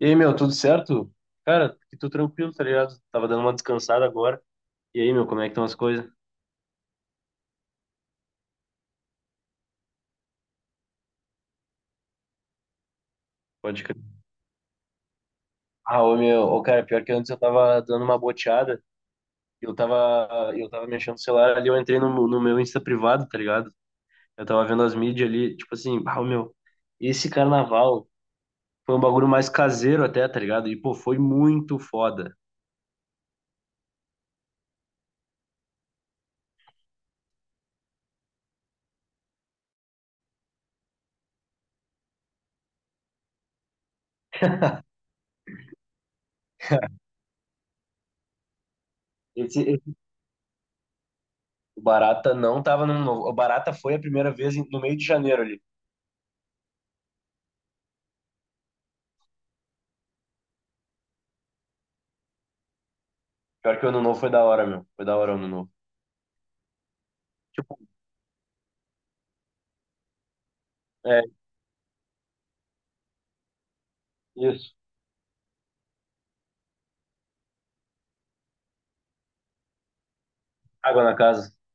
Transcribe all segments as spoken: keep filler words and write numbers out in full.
E aí, meu, tudo certo? Cara, que tô tranquilo, tá ligado? Tava dando uma descansada agora. E aí, meu, como é que estão as coisas? Pode crer. Ah, ô, meu, ô, cara, pior que antes eu tava dando uma boteada. Eu tava, eu tava mexendo no celular ali, eu entrei no, no meu Insta privado, tá ligado? Eu tava vendo as mídias ali, tipo assim, ah, ô, meu, esse carnaval foi um bagulho mais caseiro até, tá ligado? E, pô, foi muito foda. Esse, esse- O Barata não tava no Ano Novo. O Barata foi a primeira vez em- no meio de janeiro ali. Pior que o Ano Novo foi da hora, meu. Foi da hora o Ano Novo. Tipo, é, isso. Água na casa.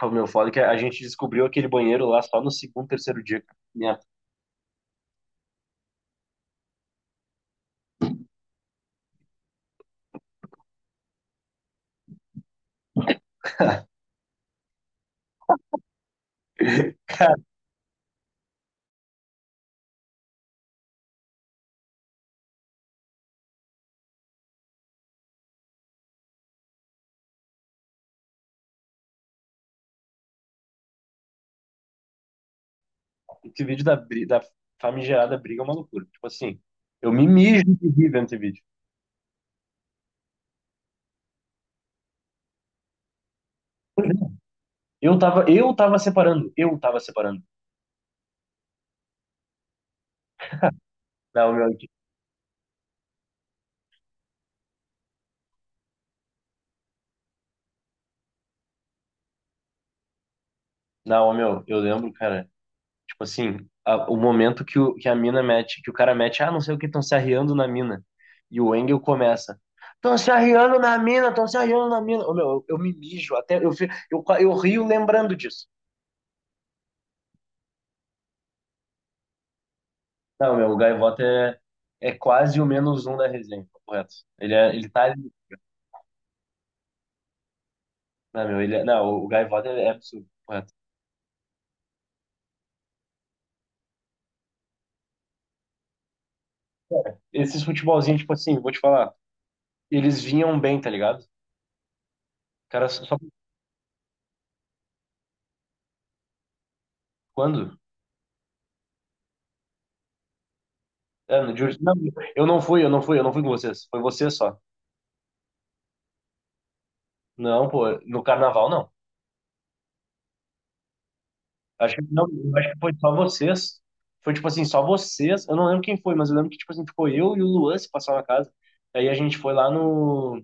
O meu foda é que a gente descobriu aquele banheiro lá só no segundo, terceiro dia. Minha... Cara, esse vídeo da, bri- da famigerada briga é uma loucura. Tipo assim, eu me mijo de rir vendo esse vídeo. Eu tava, eu tava separando, eu tava separando. Não, meu, não, meu, eu lembro, cara, tipo assim, a- o momento que, o, que a mina mete, que o cara mete, ah, não sei o que, estão se arriando na mina. E o Engel começa. Estão se arriando na mina, estão se arriando na mina. Ô, meu, eu, eu me mijo, até eu, fi- eu, qua- eu rio lembrando disso. Não, meu, o Gaivota é, é quase o menos um da resenha, correto? Ele, é, ele tá ali. Não, meu, ele é, não, o Gaivota é absurdo, correto? Esses futebolzinhos, tipo assim, vou te falar, eles vinham bem, tá ligado? Cara, só só quando? É, no Júlio. Não, eu não fui, eu não fui, eu não fui com vocês. Foi vocês só. Não, pô, no carnaval não. Acho que não, eu acho que foi só vocês. Foi tipo assim, só vocês. Eu não lembro quem foi, mas eu lembro que, tipo assim, ficou eu e o Luan se passar na casa. Aí a gente foi lá no.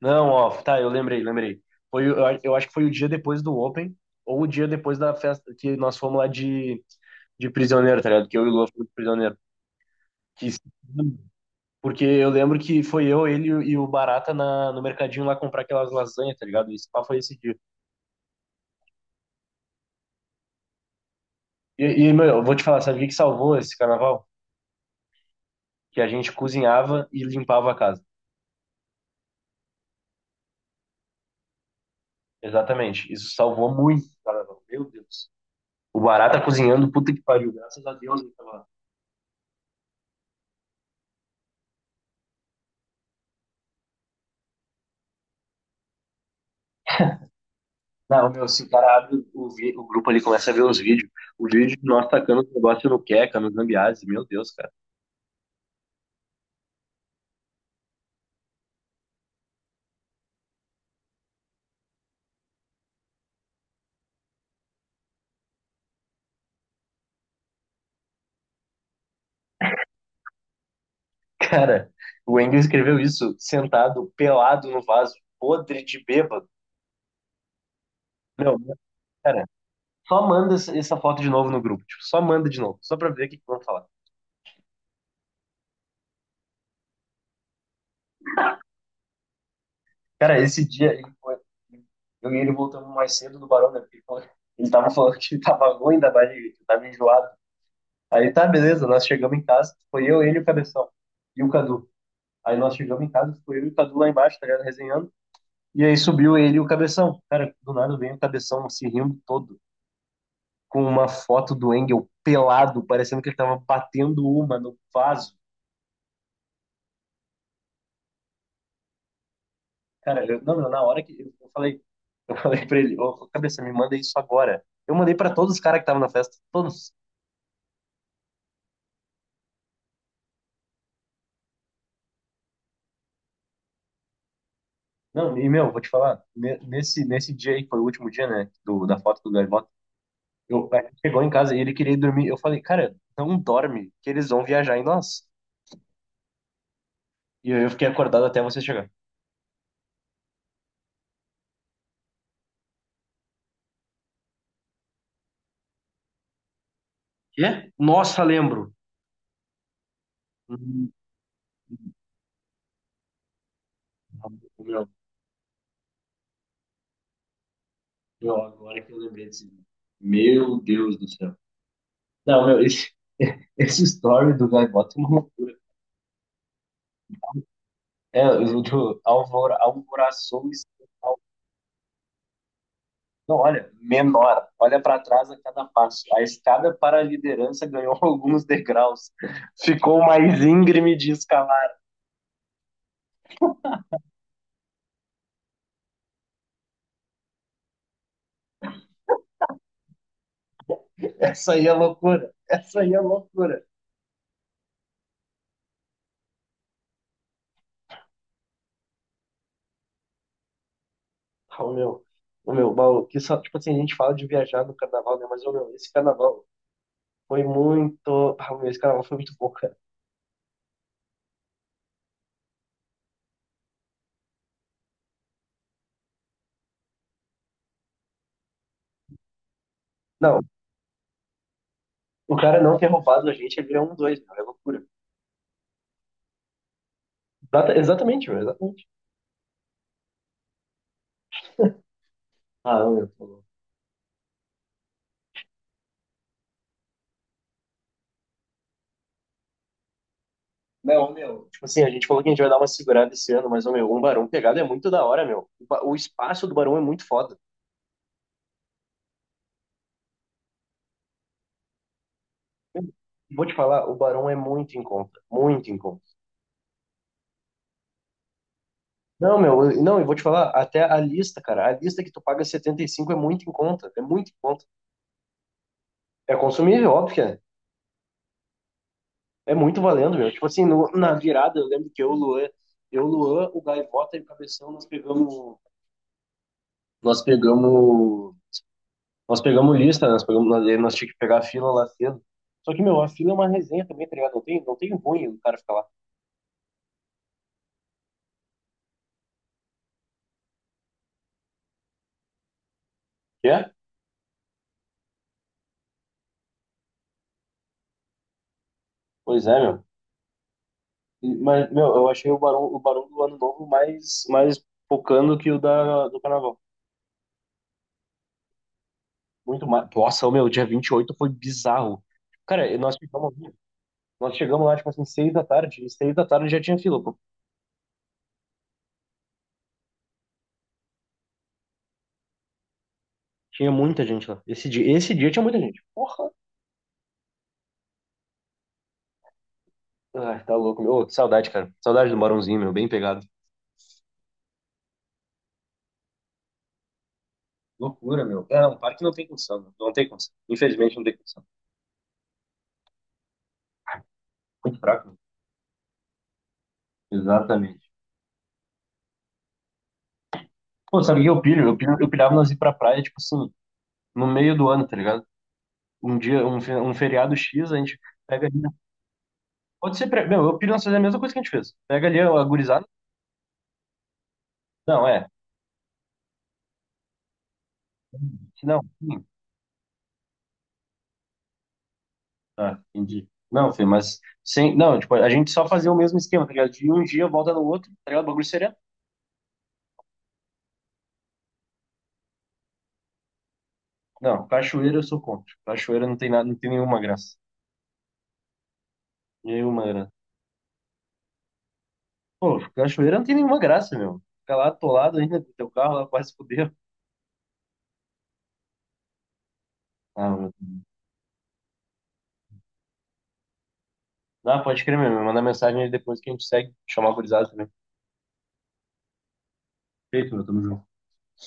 Não, ó, tá, eu lembrei, lembrei. Foi, o- eu, a- eu acho que foi o dia depois do Open, ou o dia depois da festa que nós fomos lá de, de, prisioneiro, tá ligado? Que eu e o Lua fomos de prisioneiro. Que porque eu lembro que foi eu, ele e o e o Barata na, no mercadinho lá comprar aquelas lasanhas, tá ligado? Esse pá foi esse dia. E, e, meu, eu vou te falar, sabe o que que salvou esse carnaval? Que a gente cozinhava e limpava a casa. Exatamente. Isso salvou muito o carnaval. Meu Deus. O Barata cozinhando, puta que pariu. Graças a Deus, ele tava. Não, meu, se o cara abre o, vi- o grupo ali, começa a ver os vídeos. O vídeo de nós tacando o negócio no Queca, no Zambiase, meu Deus, cara. Cara, o Engel escreveu isso sentado, pelado no vaso, podre de bêbado. Meu, cara, só manda essa essa foto de novo no grupo. Tipo, só manda de novo, só pra ver o que que vão falar. Cara, esse dia ele foi, eu e ele voltamos mais cedo do Barão, né? Porque ele, falou- ele tava falando que tava ruim da barriga, que tava enjoado. Aí tá, beleza, nós chegamos em casa, foi eu, ele e o Cabeção. E o Cadu. Aí nós chegamos em casa, ficou eu e o Cadu lá embaixo, tá ligado? Resenhando. E aí subiu ele e o Cabeção. Cara, do nada vem o Cabeção se rindo todo, com uma foto do Engel pelado, parecendo que ele tava batendo uma no vaso. Cara, eu, não, não, na hora que eu falei, eu falei, pra ele, ô, cabeça, me manda isso agora. Eu mandei pra todos os caras que estavam na festa, todos. Não, e meu, vou te falar, ne- nesse, nesse dia aí, que foi o último dia, né, do, da foto do Gaivota, eu, a gente chegou em casa e ele queria ir dormir. Eu falei, cara, não dorme, que eles vão viajar em nós. E aí eu fiquei acordado até você chegar. Quê? Nossa, lembro. Hum. Meu, meu, agora que eu lembrei desse vídeo. Meu Deus do céu. Não, meu, esse, esse story do Gaivota é uma loucura. É, o do Alvor, Alvoraçou. Não, olha, menor. Olha para trás a cada passo. A escada para a liderança ganhou alguns degraus. Ficou mais íngreme de escalar. Essa aí é loucura. Essa aí é loucura. Ô, meu, ô, meu, Paulo, que só, tipo assim, a gente fala de viajar no carnaval, né? Mas, ô, meu, esse carnaval foi muito. Ah, meu, esse carnaval foi muito bom, cara. Não, o cara não ter roubado a gente, ele é um dois, meu, é loucura. Exata- exatamente, meu, exatamente. Ah, ô, meu, tá louco. Não, ô, meu. Tipo assim, a gente falou que a gente vai dar uma segurada esse ano, mas, ô, meu, um barão pegado é muito da hora, meu. O, ba- o espaço do barão é muito foda. Vou te falar, o Barão é muito em conta, muito em conta. Não, meu, eu- não, eu vou te falar, até a lista, cara, a lista que tu paga setenta e cinco é muito em conta, é muito em conta. É consumível, óbvio que é. É muito valendo, meu. Tipo assim, no- na virada, eu lembro que eu, o Luan, eu, o Luan, o Gaivota e o Cabeção, nós pegamos. Nós pegamos. Nós pegamos lista, né? Nós pegamos, nós, nós tínhamos que pegar a fila lá cedo. Só que, meu, a fila é uma resenha também, tá ligado? Não tem, não tem ruim o cara ficar lá. Quer? Pois é, meu. E- Mas, meu, eu achei o Barão, o Barão, do Ano Novo mais, mais focando que o da, do Carnaval. Muito mais. Nossa, meu, dia vinte e oito foi bizarro. Cara, nós ficamos. Nós chegamos lá, tipo assim, seis da tarde, e seis da tarde já tinha fila, pô. Tinha muita gente lá. Esse dia, esse dia tinha muita gente. Porra! Ai, tá louco, meu. Ô, que saudade, cara. Saudade do Barãozinho, meu, bem pegado. Loucura, meu. É, não, parque não tem condição, meu. Não tem condição. Infelizmente não tem condição. Muito fraco, meu. Exatamente. Pô, sabe o que eu pilho? Eu, pilho, eu pilhava nós ir pra praia, tipo assim, no meio do ano, tá ligado? Um dia, um, fe- um feriado xis, a gente pega ali, né? Pode ser, pre- meu, eu pilho nós fazer a mesma coisa que a gente fez. Pega ali a gurizada. Não, é. Não. Ah, entendi. Não, filho, mas sem, não, tipo, a gente só fazia o mesmo esquema, tá ligado? De um dia volta no outro, tá ligado? O bagulho seria. Não, cachoeira eu sou contra. Cachoeira não tem nada, não tem nenhuma graça. Nenhuma graça. Pô, cachoeira não tem nenhuma graça, meu. Ficar lá atolado ainda com teu carro, lá quase fudeu. Ah, meu. Ah, pode crer mesmo. Manda mensagem aí depois que a gente segue. Chamar o gurizada também. Feito, meu. Tamo junto.